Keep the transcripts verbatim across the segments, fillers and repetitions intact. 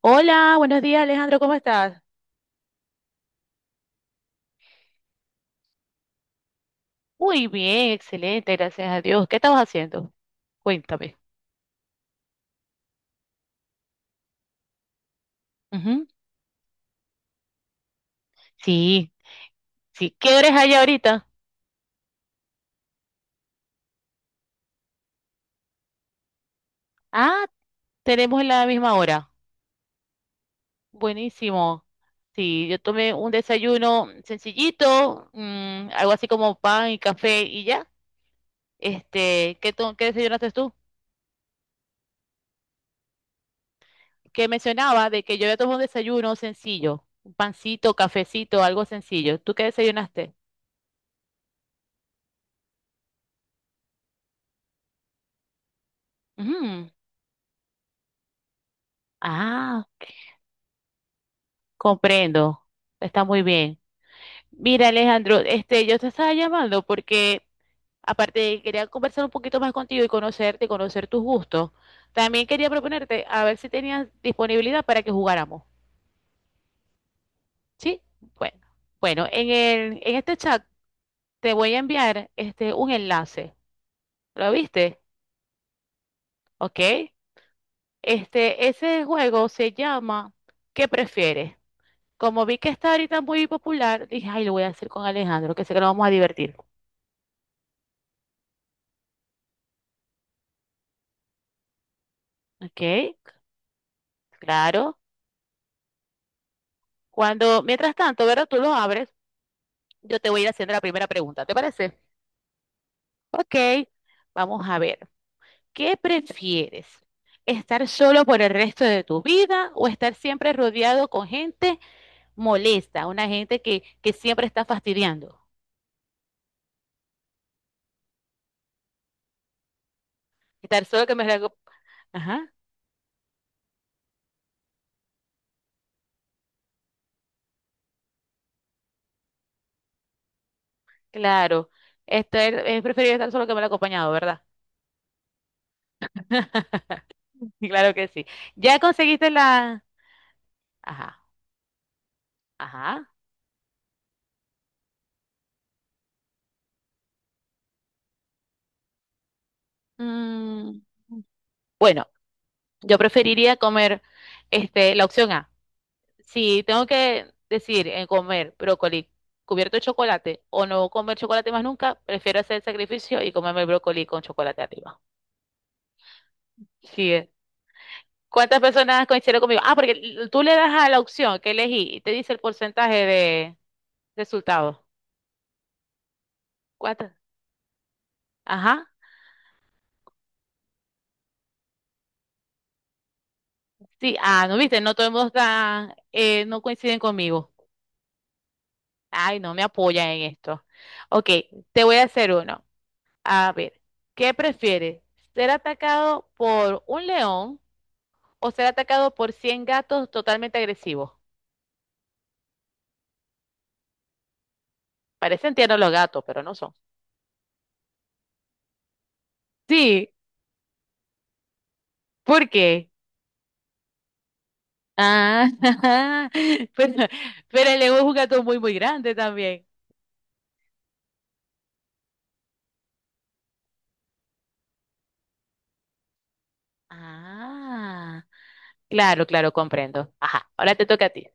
Hola, buenos días Alejandro, ¿cómo estás? Muy bien, excelente, gracias a Dios. ¿Qué estabas haciendo? Cuéntame. Ujú. Sí, sí. ¿Qué hora es allá ahorita? Ah, tenemos la misma hora. Buenísimo. Sí, yo tomé un desayuno sencillito, mm, algo así como pan y café y ya. Este, ¿qué, to- qué desayunaste tú? Que mencionaba de que yo había tomado un desayuno sencillo, un pancito, cafecito, algo sencillo. ¿Tú qué desayunaste? Ujú. Ah, comprendo, está muy bien. Mira, Alejandro, este, yo te estaba llamando porque aparte de que quería conversar un poquito más contigo y conocerte, conocer tus gustos, también quería proponerte a ver si tenías disponibilidad para que jugáramos. ¿Sí? Bueno, bueno, en el, en este chat te voy a enviar este un enlace. ¿Lo viste? ¿Ok? Este, ese juego se llama ¿Qué prefieres? Como vi que está ahorita muy popular, dije, ay, lo voy a hacer con Alejandro, que sé que nos vamos a divertir. ¿Ok? Claro. Cuando, mientras tanto, ¿verdad? Tú lo abres, yo te voy a ir haciendo la primera pregunta, ¿te parece? Ok, vamos a ver. ¿Qué prefieres? ¿Estar solo por el resto de tu vida o estar siempre rodeado con gente molesta, una gente que, que siempre está fastidiando? Estar solo que me la... aco- Ajá, claro. Estar- es preferible estar solo que me la acompañado, ¿verdad? Claro que sí. ¿Ya conseguiste la... Ajá, ajá. Mm, bueno, yo preferiría comer este, la opción A. Si tengo que decir en comer brócoli cubierto de chocolate o no comer chocolate más nunca, prefiero hacer el sacrificio y comerme el brócoli con chocolate arriba. Sí. eh. ¿Cuántas personas coincidieron conmigo? Ah, porque l- tú le das a la opción que elegí y te dice el porcentaje de resultados. ¿Cuántas? Ajá. Sí, ah, no viste, no todo el mundo está, eh, no coinciden conmigo. Ay, no me apoyan en esto. Ok, te voy a hacer uno. A ver, ¿qué prefieres? ¿Ser atacado por un león o ser atacado por cien gatos totalmente agresivos? Parecen tiernos los gatos, pero no son. Sí, ¿por qué? Ah, pero, pero el león es un gato muy, muy grande también. Ah, claro, claro, comprendo. Ajá, ahora te toca a ti.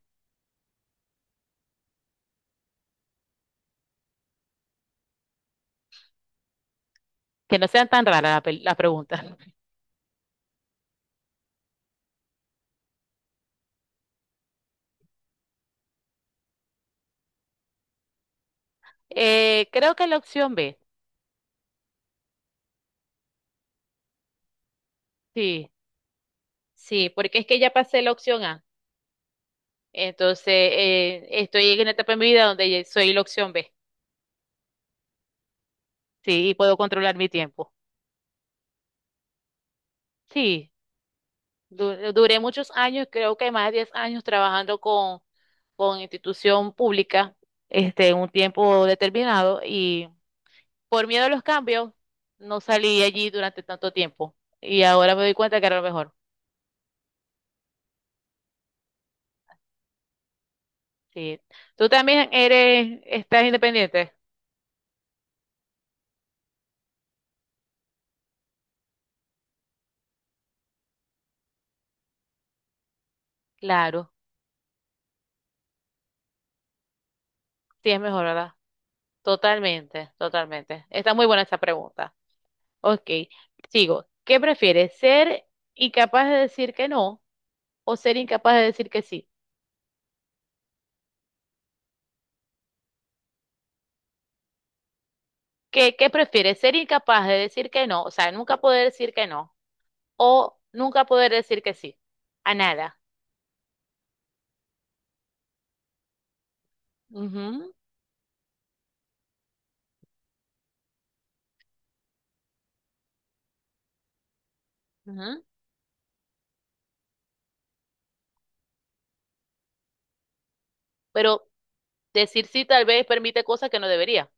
Que no sean tan raras las pel- las preguntas. Eh, creo que la opción B. Sí, sí, porque es que ya pasé la opción A. Entonces, eh, estoy en una etapa de mi vida donde ya soy la opción B, sí, y puedo controlar mi tiempo. Sí, du- duré muchos años, creo que más de diez años trabajando con, con institución pública, este, un tiempo determinado, y por miedo a los cambios, no salí allí durante tanto tiempo. Y ahora me doy cuenta que era lo mejor. Sí. Tú también eres, estás independiente. Claro, sí es mejor, ¿verdad? Totalmente, totalmente. Está muy buena esa pregunta. Ok, sigo. ¿Qué prefieres? ¿Ser incapaz de decir que no o ser incapaz de decir que sí? ¿Qué, qué prefieres? ¿Ser incapaz de decir que no? O sea, nunca poder decir que no o nunca poder decir que sí a nada. Ujú, ujú. Pero decir sí tal vez permite cosas que no debería.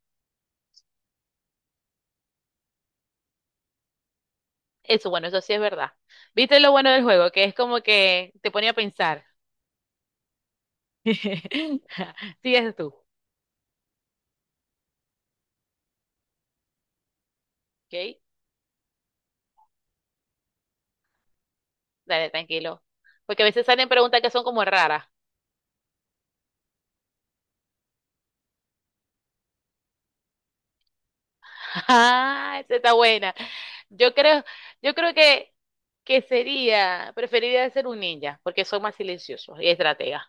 Eso, bueno, eso sí es verdad. ¿Viste lo bueno del juego? Que es como que te ponía a pensar. Sí, es tú. Ok, dale, tranquilo. Porque a veces salen preguntas que son como raras. Ah, esa está buena. Yo creo, yo creo que, que sería, preferiría ser un ninja, porque son más silenciosos y estrategas.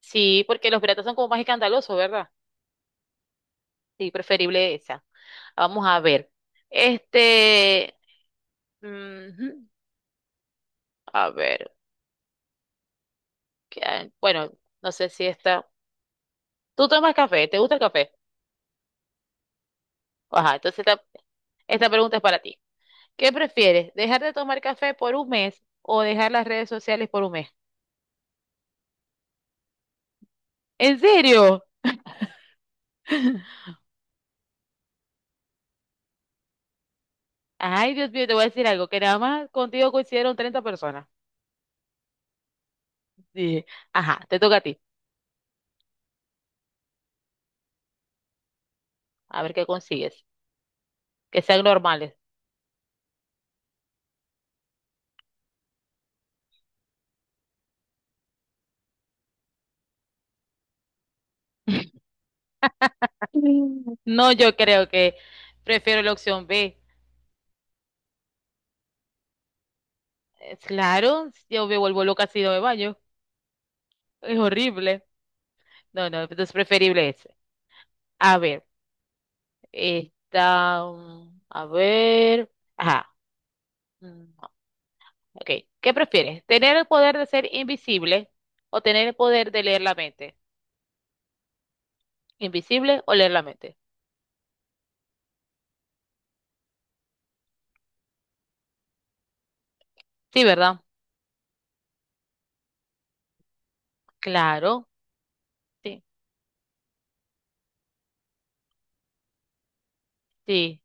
Sí, porque los piratas son como más escandalosos, ¿verdad? Sí, preferible esa. Vamos a ver. Este, ujú, a ver, ¿qué hay? Bueno, no sé si esta. ¿Tú tomas café? ¿Te gusta el café? Ajá, entonces esta, esta pregunta es para ti. ¿Qué prefieres? ¿Dejar de tomar café por un mes o dejar las redes sociales por un mes? ¿En serio? Ay, Dios mío, te voy a decir algo, que nada más contigo coincidieron treinta personas. Dije, ajá, te toca a ti, a ver qué consigues, que sean normales. No, yo creo que prefiero la opción B. Eh, Claro, yo me vuelvo loca si no me baño, es horrible. No, no, entonces preferible ese. A ver, esta, mm, a ver, ajá, mm, ok, ¿qué prefieres? ¿Tener el poder de ser invisible o tener el poder de leer la mente? ¿Invisible o leer la mente? Sí, ¿verdad? Claro, sí, sí.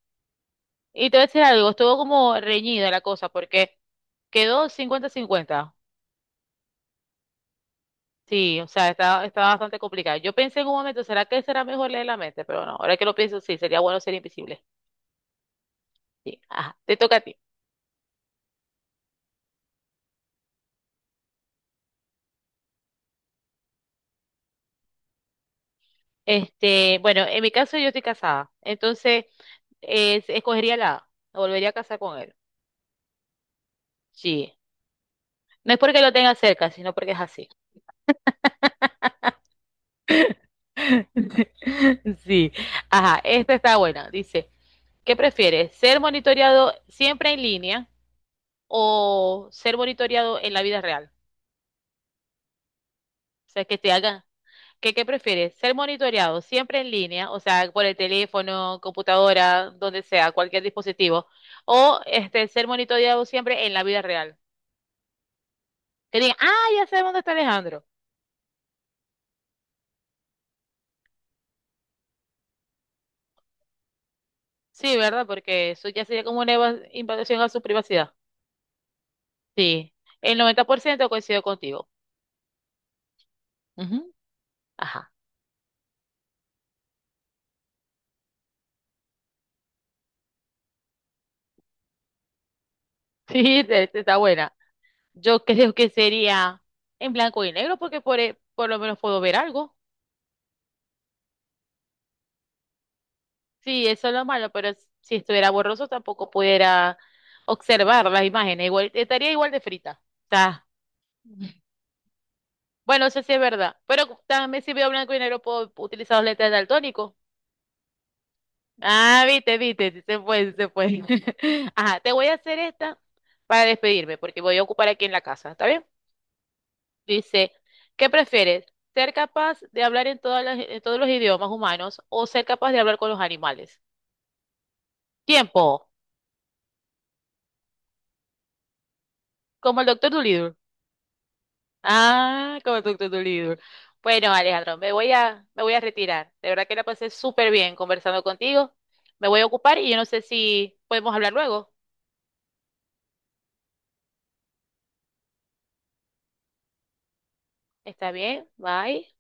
Y te voy a decir algo, estuvo como reñida la cosa porque quedó cincuenta-cincuenta. Sí, o sea, está, está bastante complicado. Yo pensé en un momento, ¿será que será mejor leer la mente? Pero no, ahora que lo pienso, sí, sería bueno ser invisible. Sí, ajá, te toca a ti. Este, bueno, en mi caso yo estoy casada, entonces eh, es- escogería la A, me volvería a casar con él. Sí, no es porque lo tenga cerca, sino porque es así. Sí, ajá, esta está buena, dice. ¿Qué prefieres? ¿Ser monitoreado siempre en línea o ser monitoreado en la vida real? O sea, que te hagan, ¿qué, qué prefieres? ¿Ser monitoreado siempre en línea, o sea, por el teléfono, computadora, donde sea, cualquier dispositivo, o este, ser monitoreado siempre en la vida real? Que digan, ah, ya sabemos dónde está Alejandro. Sí, ¿verdad? Porque eso ya sería como una eva- invasión a su privacidad. Sí, el noventa por ciento coincido contigo. Ujú. Ajá. Sí, te- te- está buena. Yo creo que sería en blanco y negro porque por, e- por lo menos puedo ver algo. Sí, eso es lo malo, pero s- si estuviera borroso tampoco pudiera observar las imágenes. Igual, estaría igual de frita. O sea, bueno, eso sí es verdad. Pero cu- también si veo blanco y negro puedo utilizar los letras daltónicos. Ah, viste, viste, sí se fue, sí se fue. Ajá, te voy a hacer esta para despedirme porque voy a ocupar aquí en la casa. ¿Está bien? Dice, ¿qué prefieres? ¿Ser capaz de hablar en, todas las- en todos los idiomas humanos o ser capaz de hablar con los animales? Tiempo, como el doctor Dolittle. Ah, como el doctor Dolittle. Bueno, Alejandro, me voy a, me voy a retirar. De verdad que la pasé súper bien conversando contigo. Me voy a ocupar y yo no sé si podemos hablar luego. ¿Está bien? Bye.